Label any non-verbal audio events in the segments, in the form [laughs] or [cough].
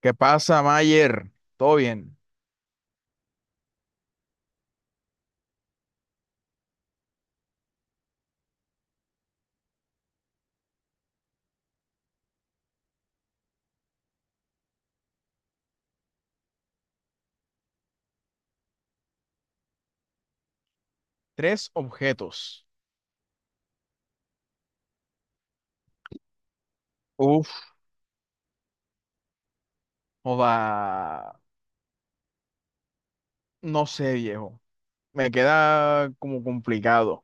¿Qué pasa, Mayer? ¿Todo bien? Tres objetos. Uf, joda. No sé, viejo. Me queda como complicado.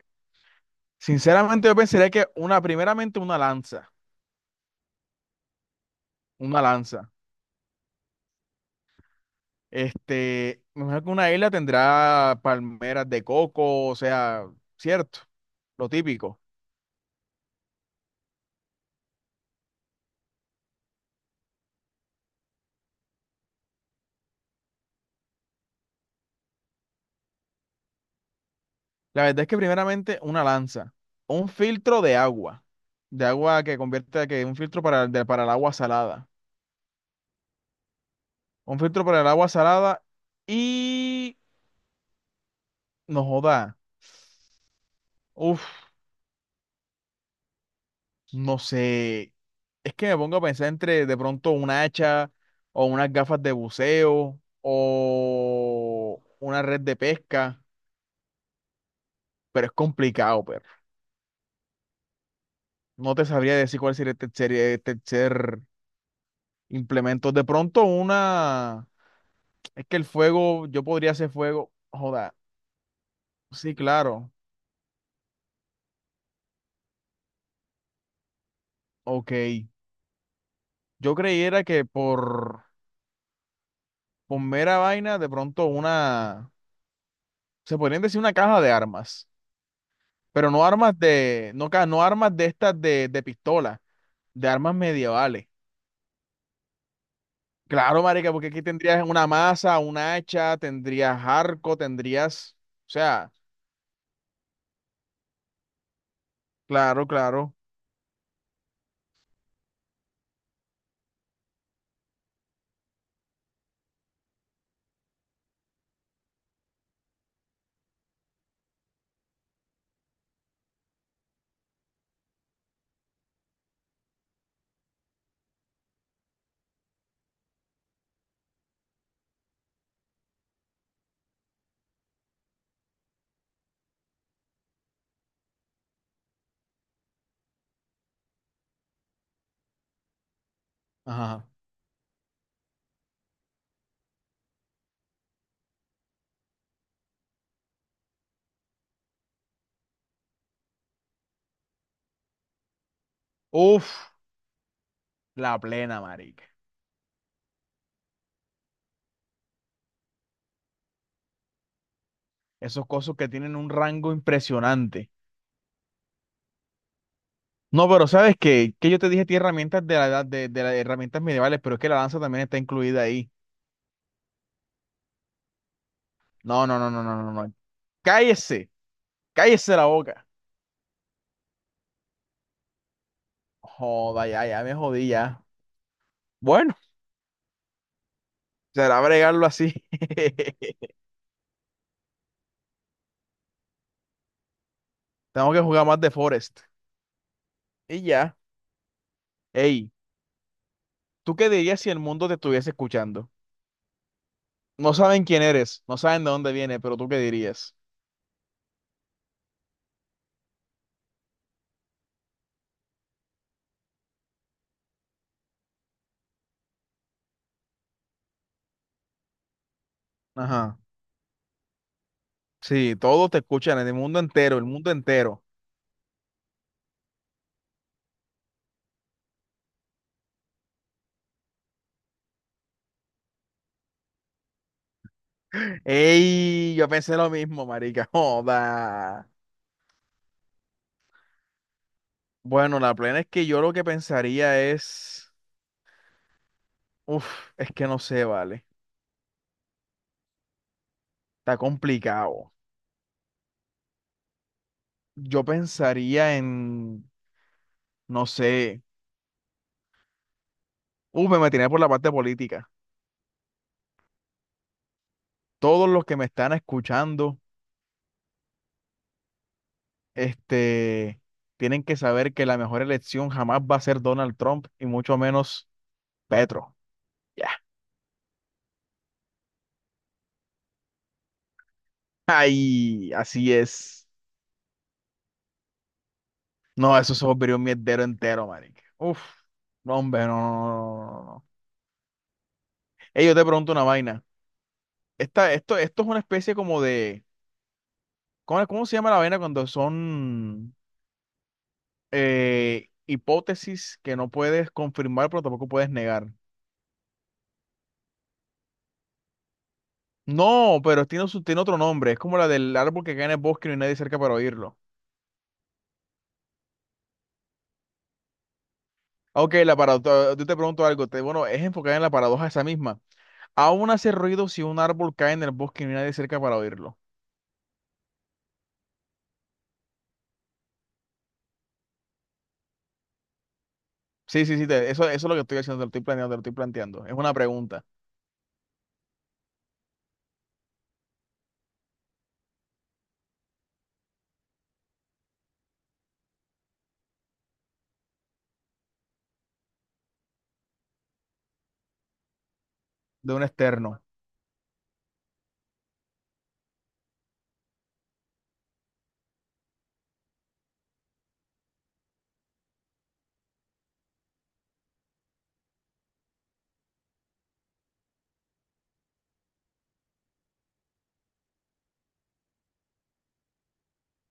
Sinceramente, yo pensaría que primeramente una lanza. Una lanza. Este, me imagino que una isla tendrá palmeras de coco, o sea, cierto, lo típico. La verdad es que primeramente una lanza. Un filtro de agua. De agua que convierte, que un filtro para el agua salada. Un filtro para el agua salada y no joda. Uf, no sé. Es que me pongo a pensar entre de pronto un hacha o unas gafas de buceo o una red de pesca, pero es complicado, pero no te sabría decir cuál sería el tercer implemento. De pronto una, es que el fuego, yo podría hacer fuego, joda. Sí, claro. Ok. Yo creyera que por mera vaina, de pronto una se podrían decir una caja de armas, pero no armas de, no, ca- no armas de estas de pistola, de armas medievales. Claro, marica, porque aquí tendrías una maza, un hacha, tendrías arco, tendrías, o sea, claro, claro. Ajá. Uf, la plena, marica. Esos cosos que tienen un rango impresionante. No, pero ¿sabes qué? Que yo te dije, tiene herramientas de la edad de las herramientas medievales, pero es que la lanza también está incluida ahí. No, no, no, no, no, no, no. Cállese, cállese la boca. Joda, ya, ya me jodí ya. Bueno, será bregarlo así. [laughs] Tengo que jugar más de Forest. Y ya. Ey, ¿tú qué dirías si el mundo te estuviese escuchando? No saben quién eres, no saben de dónde vienes, pero ¿tú qué dirías? Ajá. Sí, todos te escuchan, en el mundo entero, el mundo entero. Ey, yo pensé lo mismo, marica. [laughs] Joda. Bueno, la plena es que yo lo que pensaría es. Uf, es que no sé, vale. Está complicado. Yo pensaría en. No sé, me metí por la parte política. Todos los que me están escuchando, este, tienen que saber que la mejor elección jamás va a ser Donald Trump y mucho menos Petro. Ya. Ay, así es. No, eso es un mierdero entero, marica. Uf, no, hombre, no, no, no, no, no. No. Ey, yo te pregunto una vaina. Esta, esto es una especie como de, ¿cómo se llama la vaina cuando son hipótesis que no puedes confirmar, pero tampoco puedes negar? No, pero tiene, tiene otro nombre. Es como la del árbol que cae en el bosque y no hay nadie cerca para oírlo. Ok, la paradoja. Yo te pregunto algo. Bueno, es enfocada en la paradoja esa misma. Aún hace ruido si un árbol cae en el bosque y no hay nadie cerca para oírlo. Sí, sí, sí. Eso, eso es lo que estoy haciendo. Te lo estoy planteando, te lo estoy planteando. Es una pregunta de un externo.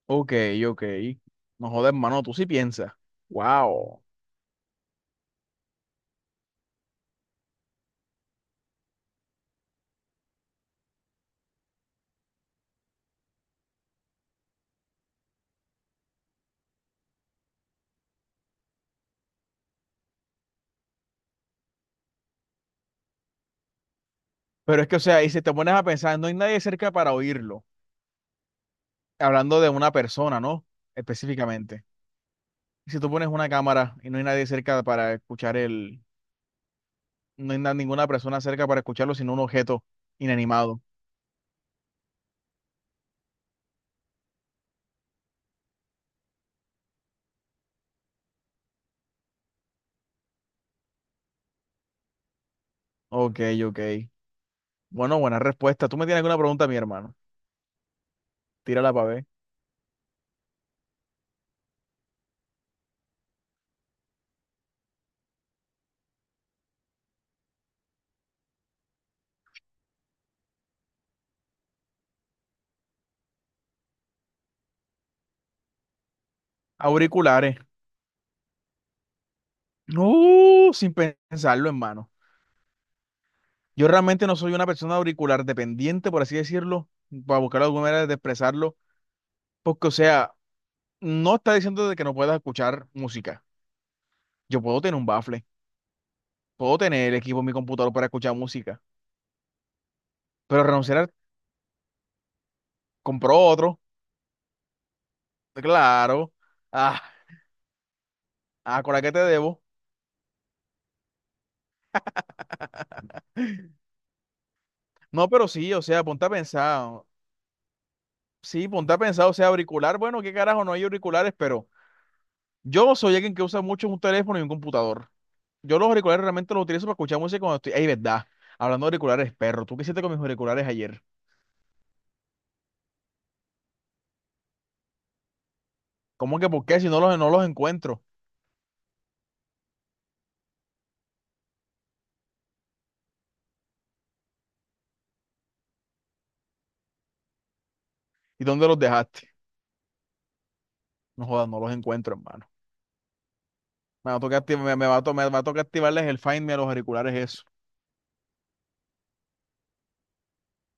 Ok, ok. No jodas, hermano. Tú sí piensas. Wow. Pero es que, o sea, y si te pones a pensar, no hay nadie cerca para oírlo. Hablando de una persona, ¿no? Específicamente. Y si tú pones una cámara y no hay nadie cerca para escuchar el, no hay na- ninguna persona cerca para escucharlo, sino un objeto inanimado. Ok, ok. Bueno, buena respuesta. ¿Tú me tienes alguna pregunta, mi hermano? Tírala para ver. Auriculares. No, sin pensarlo, hermano. Yo realmente no soy una persona auricular dependiente, por así decirlo, para buscar alguna manera de expresarlo, porque, o sea, no está diciendo de que no puedas escuchar música. Yo puedo tener un bafle, puedo tener el equipo en mi computador para escuchar música, pero compró otro. Claro. Ah, ah, ¿a qué te debo? No, pero sí, o sea, ponte a pensar. Sí, ponte a pensar, o sea, auricular, bueno, qué carajo, no hay auriculares, pero yo soy alguien que usa mucho un teléfono y un computador. Yo los auriculares realmente los utilizo para escuchar música cuando estoy. Ey, verdad. Hablando de auriculares, perro, ¿tú qué hiciste con mis auriculares ayer? ¿Cómo que por qué? No los encuentro. ¿Y dónde los dejaste? No jodas, no los encuentro, hermano. Me va a tocar, me va a tocar activarles el Find Me a los auriculares, eso.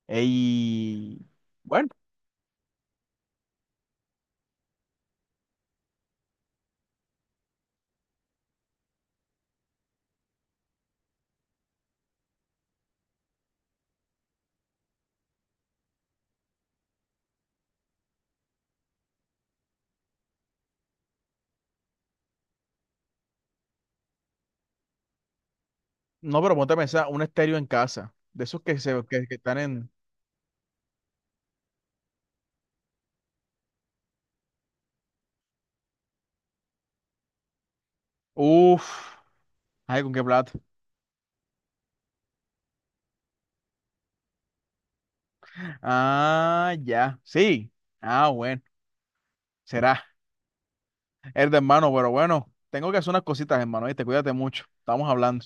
Ey. Bueno. No, pero ponte a pensar, un estéreo en casa. De esos que están en. Uf. Ay, ¿con qué plata? Ah, ya. Sí. Ah, bueno. Será. Es de hermano, pero bueno. Tengo que hacer unas cositas, hermano. Te cuídate mucho. Estamos hablando.